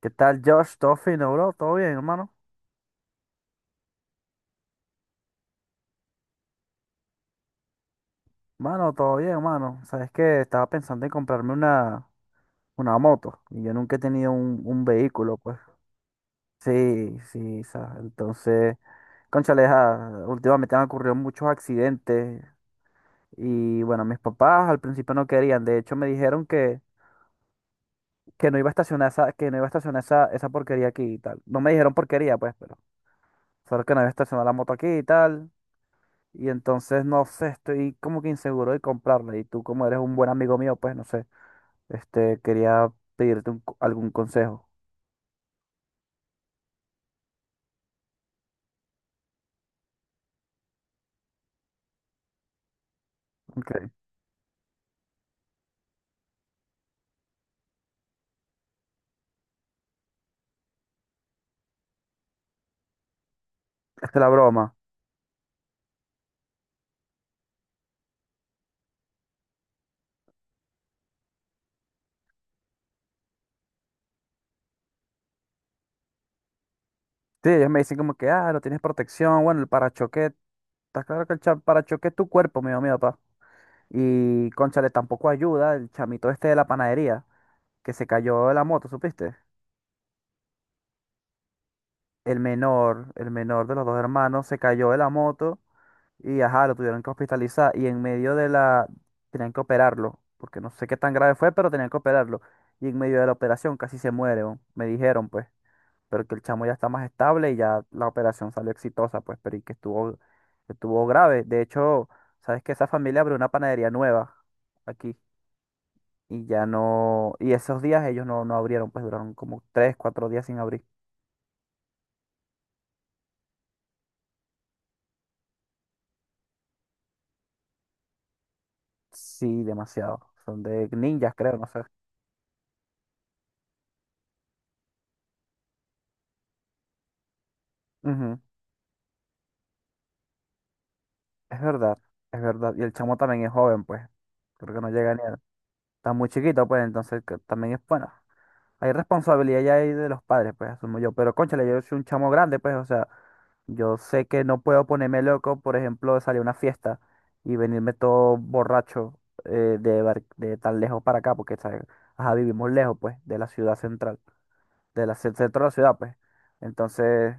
¿Qué tal, Josh? ¿Todo fino, bro? ¿Todo bien, hermano? Mano, todo bien, hermano. Sabes que estaba pensando en comprarme una moto y yo nunca he tenido un vehículo, pues. Sí, sí, sabes. Entonces, cónchale, ja, últimamente han ocurrido muchos accidentes y bueno, mis papás al principio no querían. De hecho, me dijeron que no iba a estacionar esa, que no iba a estacionar esa porquería aquí y tal. No me dijeron porquería, pues, pero solo que no iba a estacionar la moto aquí y tal. Y entonces, no sé, estoy como que inseguro de comprarla. Y tú, como eres un buen amigo mío, pues no sé, quería pedirte algún consejo. Ok. Esta es la broma. Sí, ellos me dicen como que, ah, no tienes protección. Bueno, el parachoque, está claro que el parachoque es tu cuerpo, mío, mío, papá. Y, cónchale, tampoco ayuda el chamito este de la panadería, que se cayó de la moto, ¿supiste? El menor de los dos hermanos se cayó de la moto. Y ajá, lo tuvieron que hospitalizar y en medio de la... Tenían que operarlo, porque no sé qué tan grave fue, pero tenían que operarlo. Y en medio de la operación casi se muere, weón. Me dijeron, pues, pero que el chamo ya está más estable y ya la operación salió exitosa, pues, pero y que estuvo grave. De hecho, sabes que esa familia abrió una panadería nueva aquí y ya no, y esos días ellos no abrieron, pues duraron como 3, 4 días sin abrir. Sí, demasiado. Son de ninjas, creo, no sé. Ujú. Es verdad, es verdad. Y el chamo también es joven, pues. Creo que no llega ni a... Está muy chiquito, pues, entonces que también es bueno. Hay responsabilidad ya ahí de los padres, pues, asumo yo. Pero, cónchale, yo soy un chamo grande, pues, o sea, yo sé que no puedo ponerme loco, por ejemplo, de salir a una fiesta y venirme todo borracho de tan lejos para acá, porque, ¿sabes? Ajá, vivimos lejos, pues, de la ciudad central, centro de la ciudad, pues. Entonces,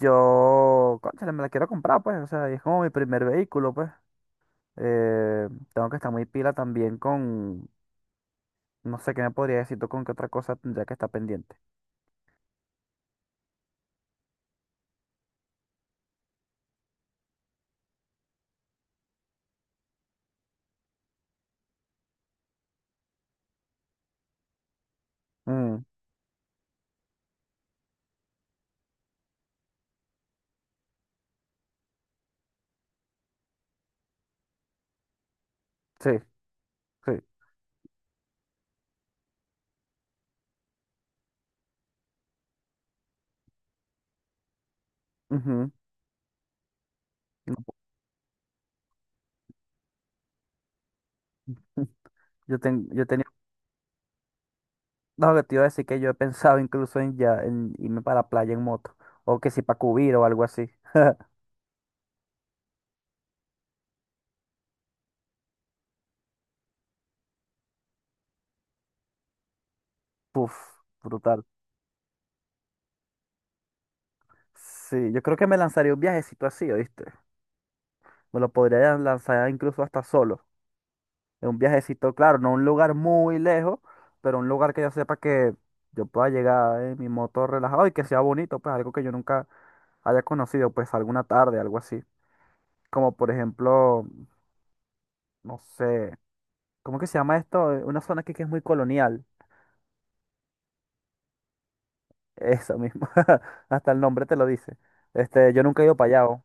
yo, cónchale, me la quiero comprar, pues, o sea, y es como mi primer vehículo, pues. Eh, tengo que estar muy pila también con, no sé qué me podría decir tú con qué otra cosa tendría que estar pendiente. Mm, sí, sí. Ujú, no. Yo tenía. No, que te iba a decir que yo he pensado incluso en ya en irme para la playa en moto. O que si para Cubrir o algo así. Puf, brutal. Sí, yo creo que me lanzaría un viajecito así, ¿oíste? Me lo podría lanzar incluso hasta solo. Es un viajecito, claro, no un lugar muy lejos, pero un lugar que yo sepa que yo pueda llegar en mi moto relajado y que sea bonito, pues algo que yo nunca haya conocido, pues alguna tarde, algo así. Como por ejemplo, no sé, ¿cómo que se llama esto? Una zona aquí que es muy colonial. Eso mismo. Hasta el nombre te lo dice. Yo nunca he ido para allá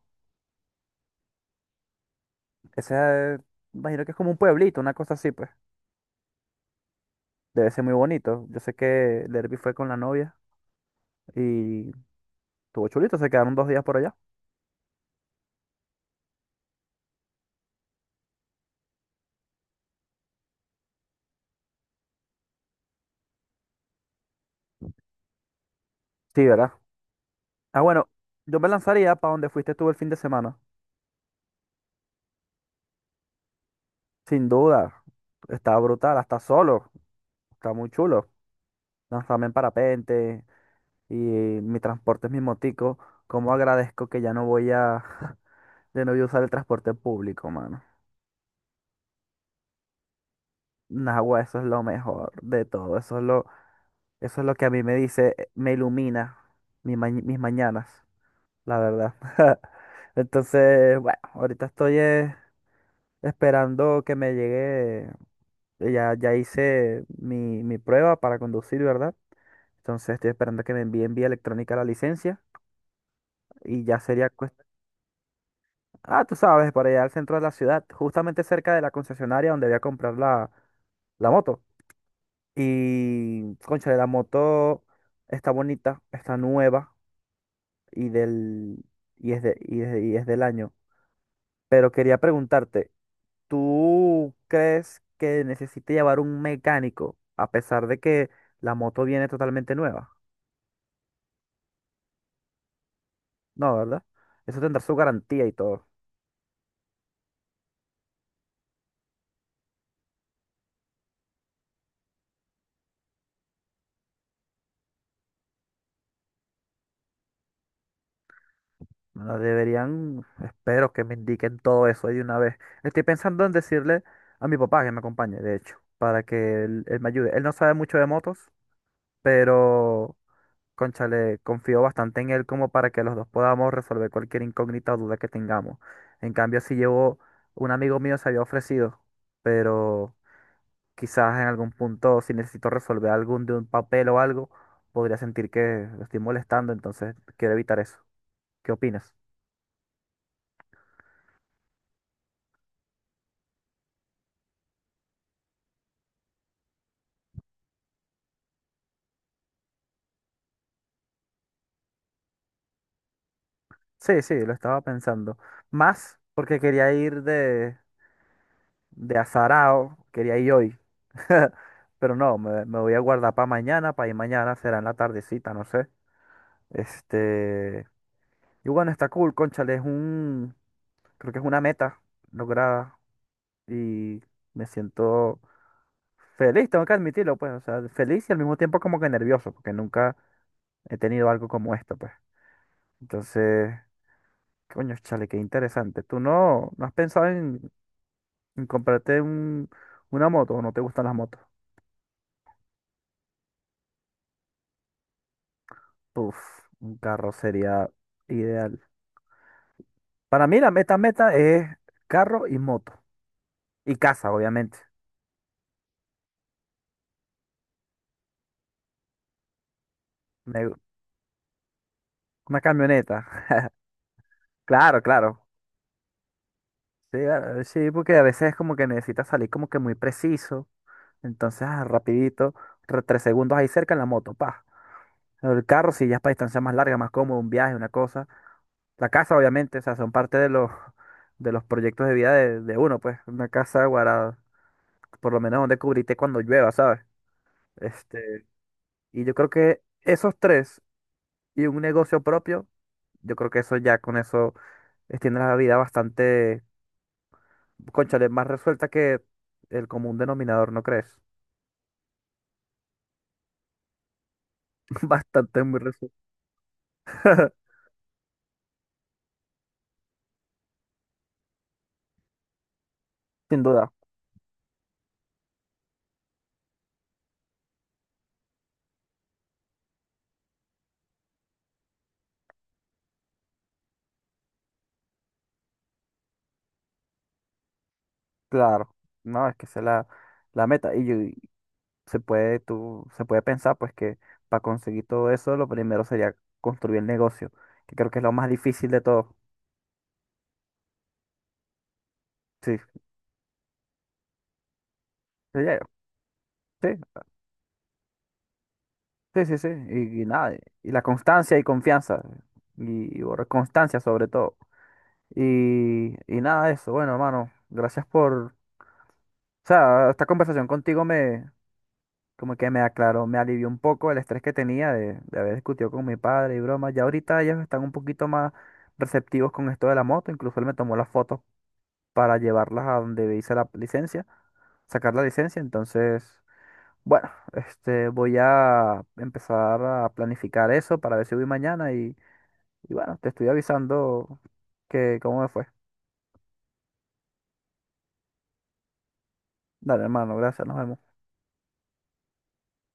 Ese, eh, imagino que es como un pueblito, una cosa así, pues. Debe ser muy bonito. Yo sé que Derby fue con la novia y tuvo chulito, se quedaron 2 días por allá. Sí, ¿verdad? Ah, bueno, yo me lanzaría para donde fuiste tú el fin de semana. Sin duda. Está brutal, hasta solo. Está muy chulo. Lanzarme en parapente y mi transporte es mi motico. Cómo agradezco que ya no voy a... De no voy a usar el transporte público, mano. Nahua, eso es lo mejor de todo. Eso es lo que a mí me dice, me ilumina mis mañanas, la verdad. Entonces, bueno, ahorita estoy esperando que me llegue. Ya hice mi prueba para conducir, ¿verdad? Entonces estoy esperando que me envíen vía electrónica la licencia y ya sería cuestión... Ah, tú sabes, para allá al centro de la ciudad, justamente cerca de la concesionaria donde voy a comprar la moto. Y, cónchale, la moto está bonita, está nueva y, del, y, es de- y es del año. Pero quería preguntarte, ¿tú crees que necesite llevar un mecánico a pesar de que la moto viene totalmente nueva? No, ¿verdad? Eso tendrá su garantía y todo. Bueno, deberían, espero que me indiquen todo eso ahí de una vez. Estoy pensando en decirle a mi papá que me acompañe, de hecho, para que él me ayude. Él no sabe mucho de motos, pero, cónchale, confío bastante en él como para que los dos podamos resolver cualquier incógnita o duda que tengamos. En cambio, si llevo, un amigo mío se había ofrecido, pero... Quizás en algún punto, si necesito resolver algún de un papel o algo, podría sentir que lo estoy molestando, entonces quiero evitar eso. ¿Qué opinas? Sí, sí, lo estaba pensando. Más porque quería ir de, azarao, quería ir hoy. Pero no, me voy a guardar para mañana, para ir mañana, será en la tardecita, no sé. Este. Y bueno, está cool, cónchale, es un. Creo que es una meta lograda y me siento feliz, tengo que admitirlo, pues, o sea, feliz y al mismo tiempo como que nervioso, porque nunca he tenido algo como esto, pues. Entonces, coño, chale, qué interesante. ¿Tú no has pensado en comprarte una moto o no te gustan las motos? Uf, un carro sería ideal. Para mí la meta meta es carro y moto. Y casa, obviamente. Me- una camioneta. Claro, claro. Sí, ah, sí, porque a veces es como que necesitas salir como que muy preciso. Entonces, ah, rapidito, tres segundos ahí cerca en la moto, pa. El carro, si ya es para distancia más larga, más cómodo, un viaje, una cosa. La casa, obviamente, o sea, son parte de los, de los proyectos de vida de uno, pues. Una casa guardada, por lo menos donde cubrirte cuando llueva, ¿sabes? Este, y yo creo que esos tres y un negocio propio, yo creo que eso ya con eso extiende la vida bastante, cónchale, más resuelta que el común denominador, ¿no crees? Bastante muy resuelta. Sin duda. Claro, no, es que esa es la, meta. Y se puede, se puede pensar, pues, que para conseguir todo eso, lo primero sería construir el negocio, que creo que es lo más difícil de todo. Sí, sería. Sí, sí, sí, sí. Y nada, y la constancia y confianza. Y por constancia sobre todo. Y nada de eso. Bueno, hermano, gracias por, o sea, esta conversación contigo como que me aclaró, me alivió un poco el estrés que tenía de, haber discutido con mi padre y broma. Ya ahorita ellos están un poquito más receptivos con esto de la moto, incluso él me tomó las fotos para llevarlas a donde hice la licencia, sacar la licencia, entonces, bueno, voy a empezar a planificar eso para ver si voy mañana y, bueno, te estoy avisando que cómo me fue. Dale, hermano, gracias, nos vemos.